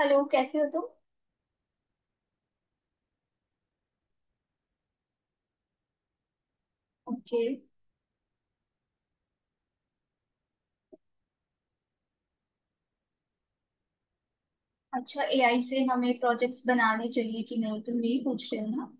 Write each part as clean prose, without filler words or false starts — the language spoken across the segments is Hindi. हेलो, कैसे हो तुम? ओके। अच्छा, एआई से हमें प्रोजेक्ट्स बनाने चाहिए कि नहीं, तुम यही पूछ रहे हो ना?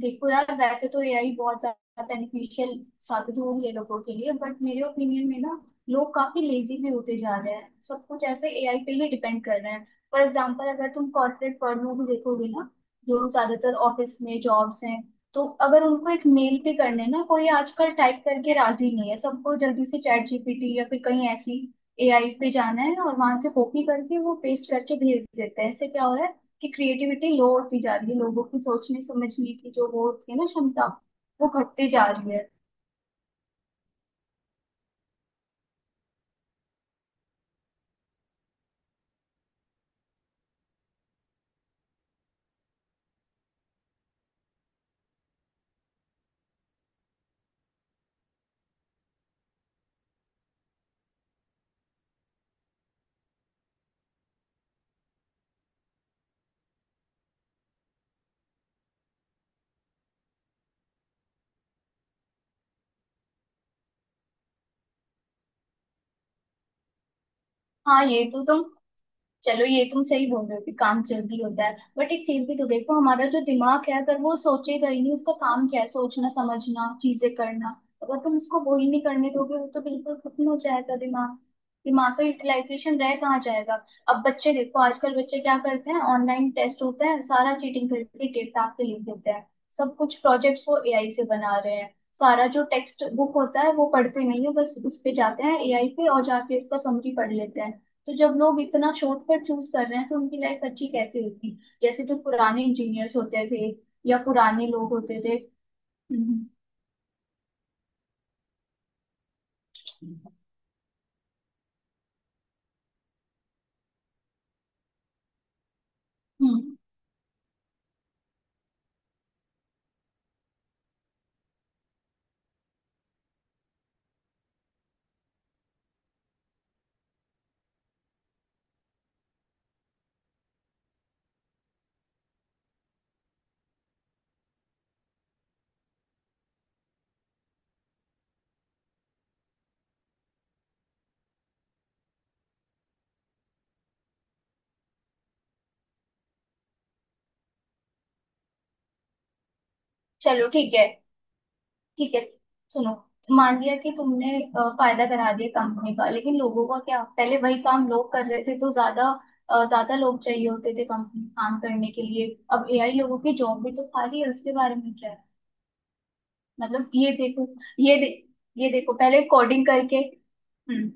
देखो यार, वैसे तो एआई बहुत ज्यादा बेनिफिशियल साबित हो रही है लोगों के लिए, बट मेरे ओपिनियन में ना, लोग काफी लेजी भी होते जा रहे हैं। सब कुछ ऐसे एआई पे ही डिपेंड कर रहे हैं। फॉर एग्जांपल, अगर तुम कॉर्पोरेट वर्ल्ड में भी देखोगे ना, जो ज्यादातर ऑफिस में जॉब्स हैं, तो अगर उनको एक मेल पे करने ना, कोई आजकल टाइप करके राजी नहीं है। सबको जल्दी से चैट जीपीटी या फिर कहीं ऐसी एआई पे जाना है, और वहां से कॉपी करके वो पेस्ट करके भेज देते हैं। इससे क्या हो रहा है कि क्रिएटिविटी लो होती जा रही है लोगों की। सोचने समझने की जो वो होती है ना क्षमता, वो घटती जा रही है। हाँ, ये तो तुम। चलो, ये तुम सही बोल रहे हो कि काम जल्दी होता है, बट एक चीज भी तो देखो, हमारा जो दिमाग है, अगर वो सोचेगा ही नहीं, उसका काम क्या है? सोचना, समझना, चीजें करना। अगर तुम उसको वो ही नहीं करने दोगे, वो तो बिल्कुल खत्म हो जाएगा दिमाग। दिमाग का यूटिलाइजेशन रह कहाँ जाएगा? अब बच्चे देखो, आजकल बच्चे क्या करते हैं, ऑनलाइन टेस्ट होता है सारा चीटिंग करके डेटा के लिख देते हैं। सब कुछ प्रोजेक्ट्स वो एआई से बना रहे हैं। सारा जो टेक्स्ट बुक होता है वो पढ़ते नहीं है, बस उस पे जाते हैं एआई पे और जाके उसका समरी पढ़ लेते हैं। तो जब लोग इतना शॉर्टकट चूज कर रहे हैं तो उनकी लाइफ अच्छी कैसे होगी? जैसे जो पुराने इंजीनियर्स होते थे, या पुराने लोग होते थे। हम्म। हम्म। चलो ठीक है। ठीक है। सुनो, मान लिया कि तुमने फायदा करा दिया कंपनी का, लेकिन लोगों का क्या? पहले वही काम लोग कर रहे थे तो ज्यादा ज्यादा लोग चाहिए होते थे कंपनी काम करने के लिए। अब एआई लोगों की जॉब भी तो खाली है, उसके बारे में क्या है? मतलब ये देखो, ये दे, ये देखो पहले कोडिंग करके। हम्म।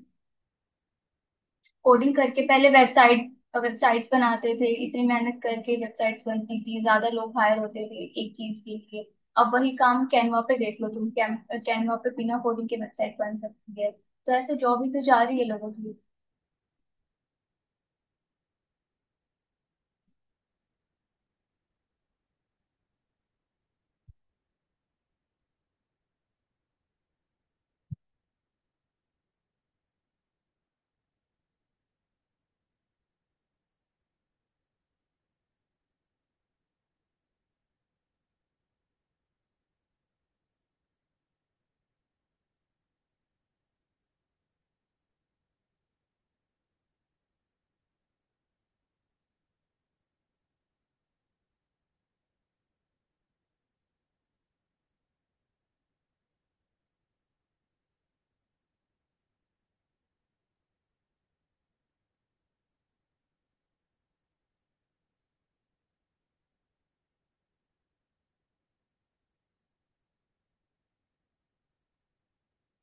कोडिंग करके पहले वेबसाइट वेबसाइट्स बनाते थे, इतनी मेहनत करके वेबसाइट्स बनती थी, ज्यादा लोग हायर होते थे एक चीज के लिए। अब वही काम कैनवा पे देख लो, तुम कैनवा पे बिना कोडिंग के वेबसाइट बन सकती है। तो ऐसे जॉब ही तो जा रही है लोगों की।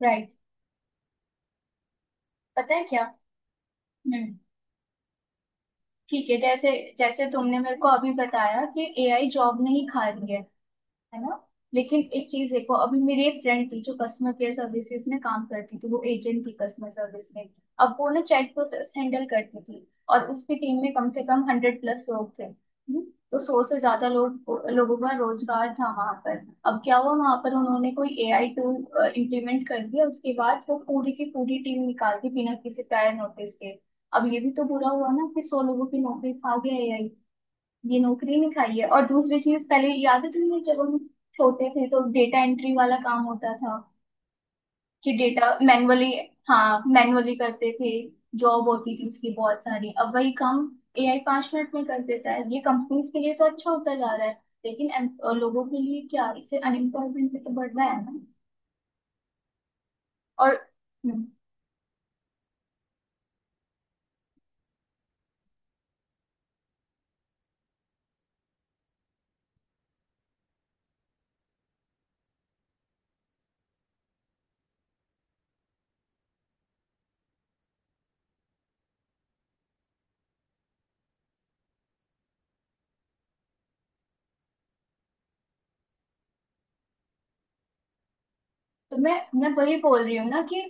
राइट। पता है क्या? हम्म। ठीक है। जैसे जैसे तुमने मेरे को अभी बताया कि एआई जॉब नहीं खा रही है ना? लेकिन एक चीज देखो, अभी मेरी एक फ्रेंड थी जो कस्टमर केयर सर्विसेज में काम करती थी, वो एजेंट थी कस्टमर सर्विस में। अब वो ना चैट प्रोसेस हैंडल करती थी, और उसकी टीम में कम से कम 100+ लोग थे। हम्म। तो 100 से ज्यादा लोग, लोगों का रोजगार था वहां पर। अब क्या हुआ वहां पर, उन्होंने कोई एआई टूल इम्प्लीमेंट कर दिया, उसके बाद वो पूरी की पूरी टीम निकाल दी बिना किसी प्रायर नोटिस के। अब ये भी तो बुरा हुआ ना कि 100 लोगों की नौकरी खा गया एआई? ये नौकरी नहीं खाई है? और दूसरी चीज, पहले याद है तुम्हें जब हम छोटे थे तो डेटा एंट्री वाला काम होता था? कि डेटा मैनुअली, हाँ मैनुअली करते थे, जॉब होती थी उसकी बहुत सारी। अब वही काम एआई 5 मिनट में कर देता है, ये कंपनीज के लिए तो अच्छा होता जा रहा है, लेकिन लोगों के लिए क्या? इससे अनएम्प्लॉयमेंट भी तो बढ़ रहा है ना? और हम्म, तो मैं वही बोल रही हूँ ना कि,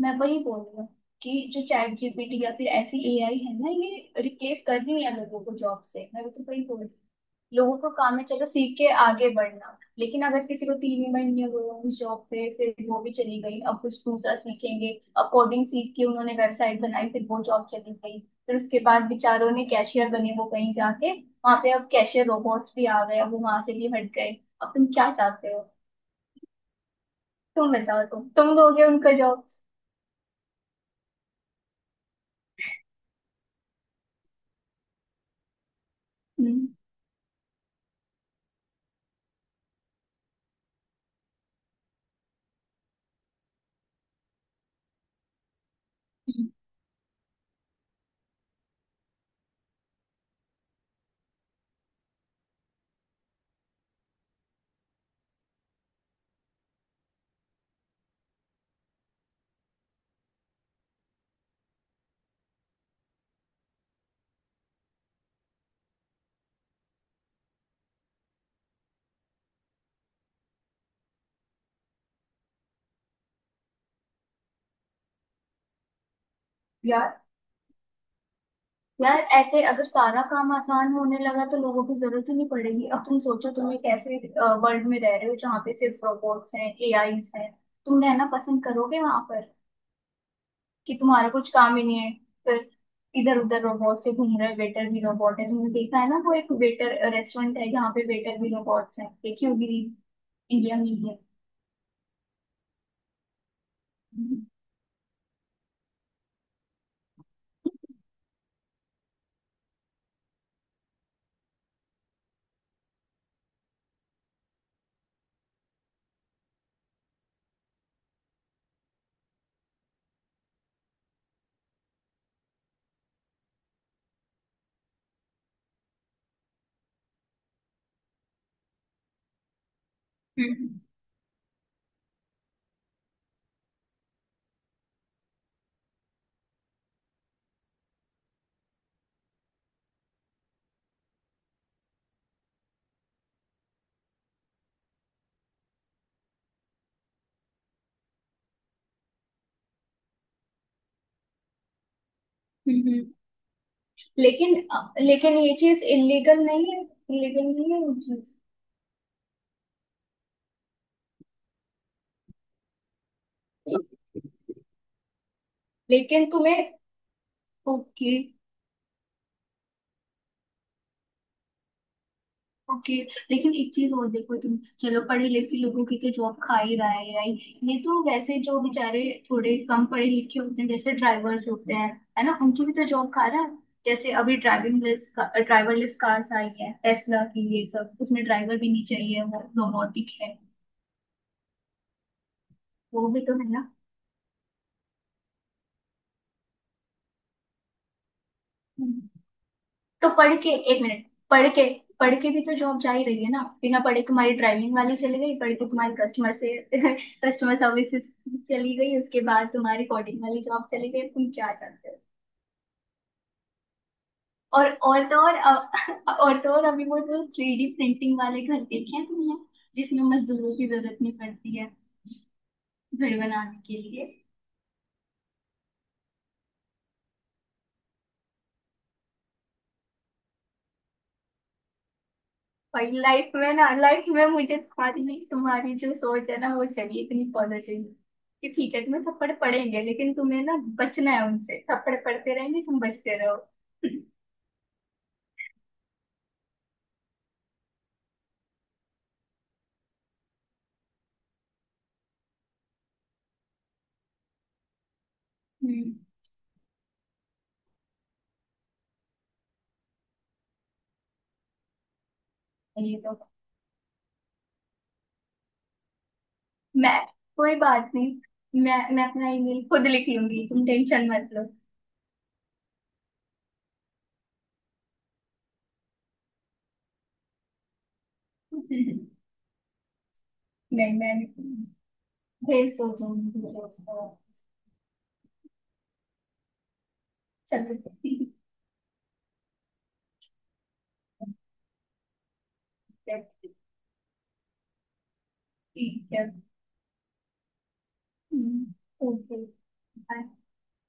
मैं वही बोल रही हूँ कि जो चैट जीपीटी या फिर ऐसी एआई है ना, ये रिप्लेस कर रही है लोगों को जॉब से, मैं तो वही बोल रही हूँ। लोगों को काम है चलो सीख के आगे बढ़ना, लेकिन अगर किसी को 3 ही महीने हो गए उस जॉब पे, फिर वो भी चली गई, अब कुछ दूसरा सीखेंगे। अब कोडिंग सीख के उन्होंने वेबसाइट बनाई, फिर वो जॉब चली गई। फिर उसके बाद बेचारों ने कैशियर बने वो कहीं जाके वहां पे, अब कैशियर रोबोट्स भी आ गए, अब वो वहां से भी हट गए। अब तुम क्या चाहते हो? तुम बताओ, तुम दोगे उनका जॉब? हम्म। हम्म। या यार, ऐसे अगर सारा काम आसान होने लगा तो लोगों की जरूरत ही नहीं पड़ेगी। अब तुम सोचो, तुम एक ऐसे वर्ल्ड में रह रहे हो जहाँ पे सिर्फ रोबोट्स हैं एआईज हैं, तुम रहना पसंद करोगे वहां पर? कि तुम्हारा कुछ काम ही नहीं है फिर, इधर उधर रोबोट से घूम रहे, वेटर भी रोबोट है, तुमने देखा है ना वो एक वेटर रेस्टोरेंट है जहाँ पे वेटर भी रोबोट्स हैं? देखी होगी, इंडिया में ही है। हम्म। हम्म। हम्म। लेकिन ये चीज इलीगल नहीं है, इलीगल नहीं है ये चीज। लेकिन तुम्हें। ओके। ओके। लेकिन एक चीज और देखो, तुम चलो, पढ़े लिखे लोगों की तो जॉब खा ही रहा है यार। ये तो वैसे, जो बेचारे थोड़े कम पढ़े लिखे होते हैं, जैसे ड्राइवर्स होते हैं है ना, उनकी भी तो जॉब खा रहा है। जैसे अभी ड्राइविंग लेस ड्राइवरलेस कार्स आई है टेस्ला की, ये सब उसमें ड्राइवर भी नहीं चाहिए, वो रोबोटिक है, वो भी तो है ना। तो पढ़ के, एक मिनट, पढ़ के पढ़ के भी तो जॉब जा ही रही है ना। बिना पढ़े तुम्हारी ड्राइविंग वाली चली गई, पढ़ के तुम्हारी कस्टमर से कस्टमर सर्विसेज चली गई, उसके बाद तुम्हारी कोडिंग वाली जॉब चली गई। तुम क्या चाहते हो? और तो और और तो और, अभी वो जो 3D प्रिंटिंग वाले घर देखे हैं तुमने, जिसमें मजदूरों की जरूरत नहीं पड़ती है घर बनाने के लिए? और लाइफ में ना, लाइफ में मुझे तुम्हारी तुम्हारी जो सोच है ना वो चाहिए, इतनी पॉजिटिव कि ठीक है तुम्हें थप्पड़ पड़ेंगे, लेकिन तुम्हें ना बचना है उनसे, थप्पड़ पड़ते रहेंगे तुम बचते रहो। हम्म। ये तो मैं। कोई बात नहीं, मैं अपना ईमेल खुद लिख लूंगी, तुम टेंशन मत लो। नहीं, मैं भेज सोचूंगी। चलो ठीक है। ठीक है। हम्म। ओके।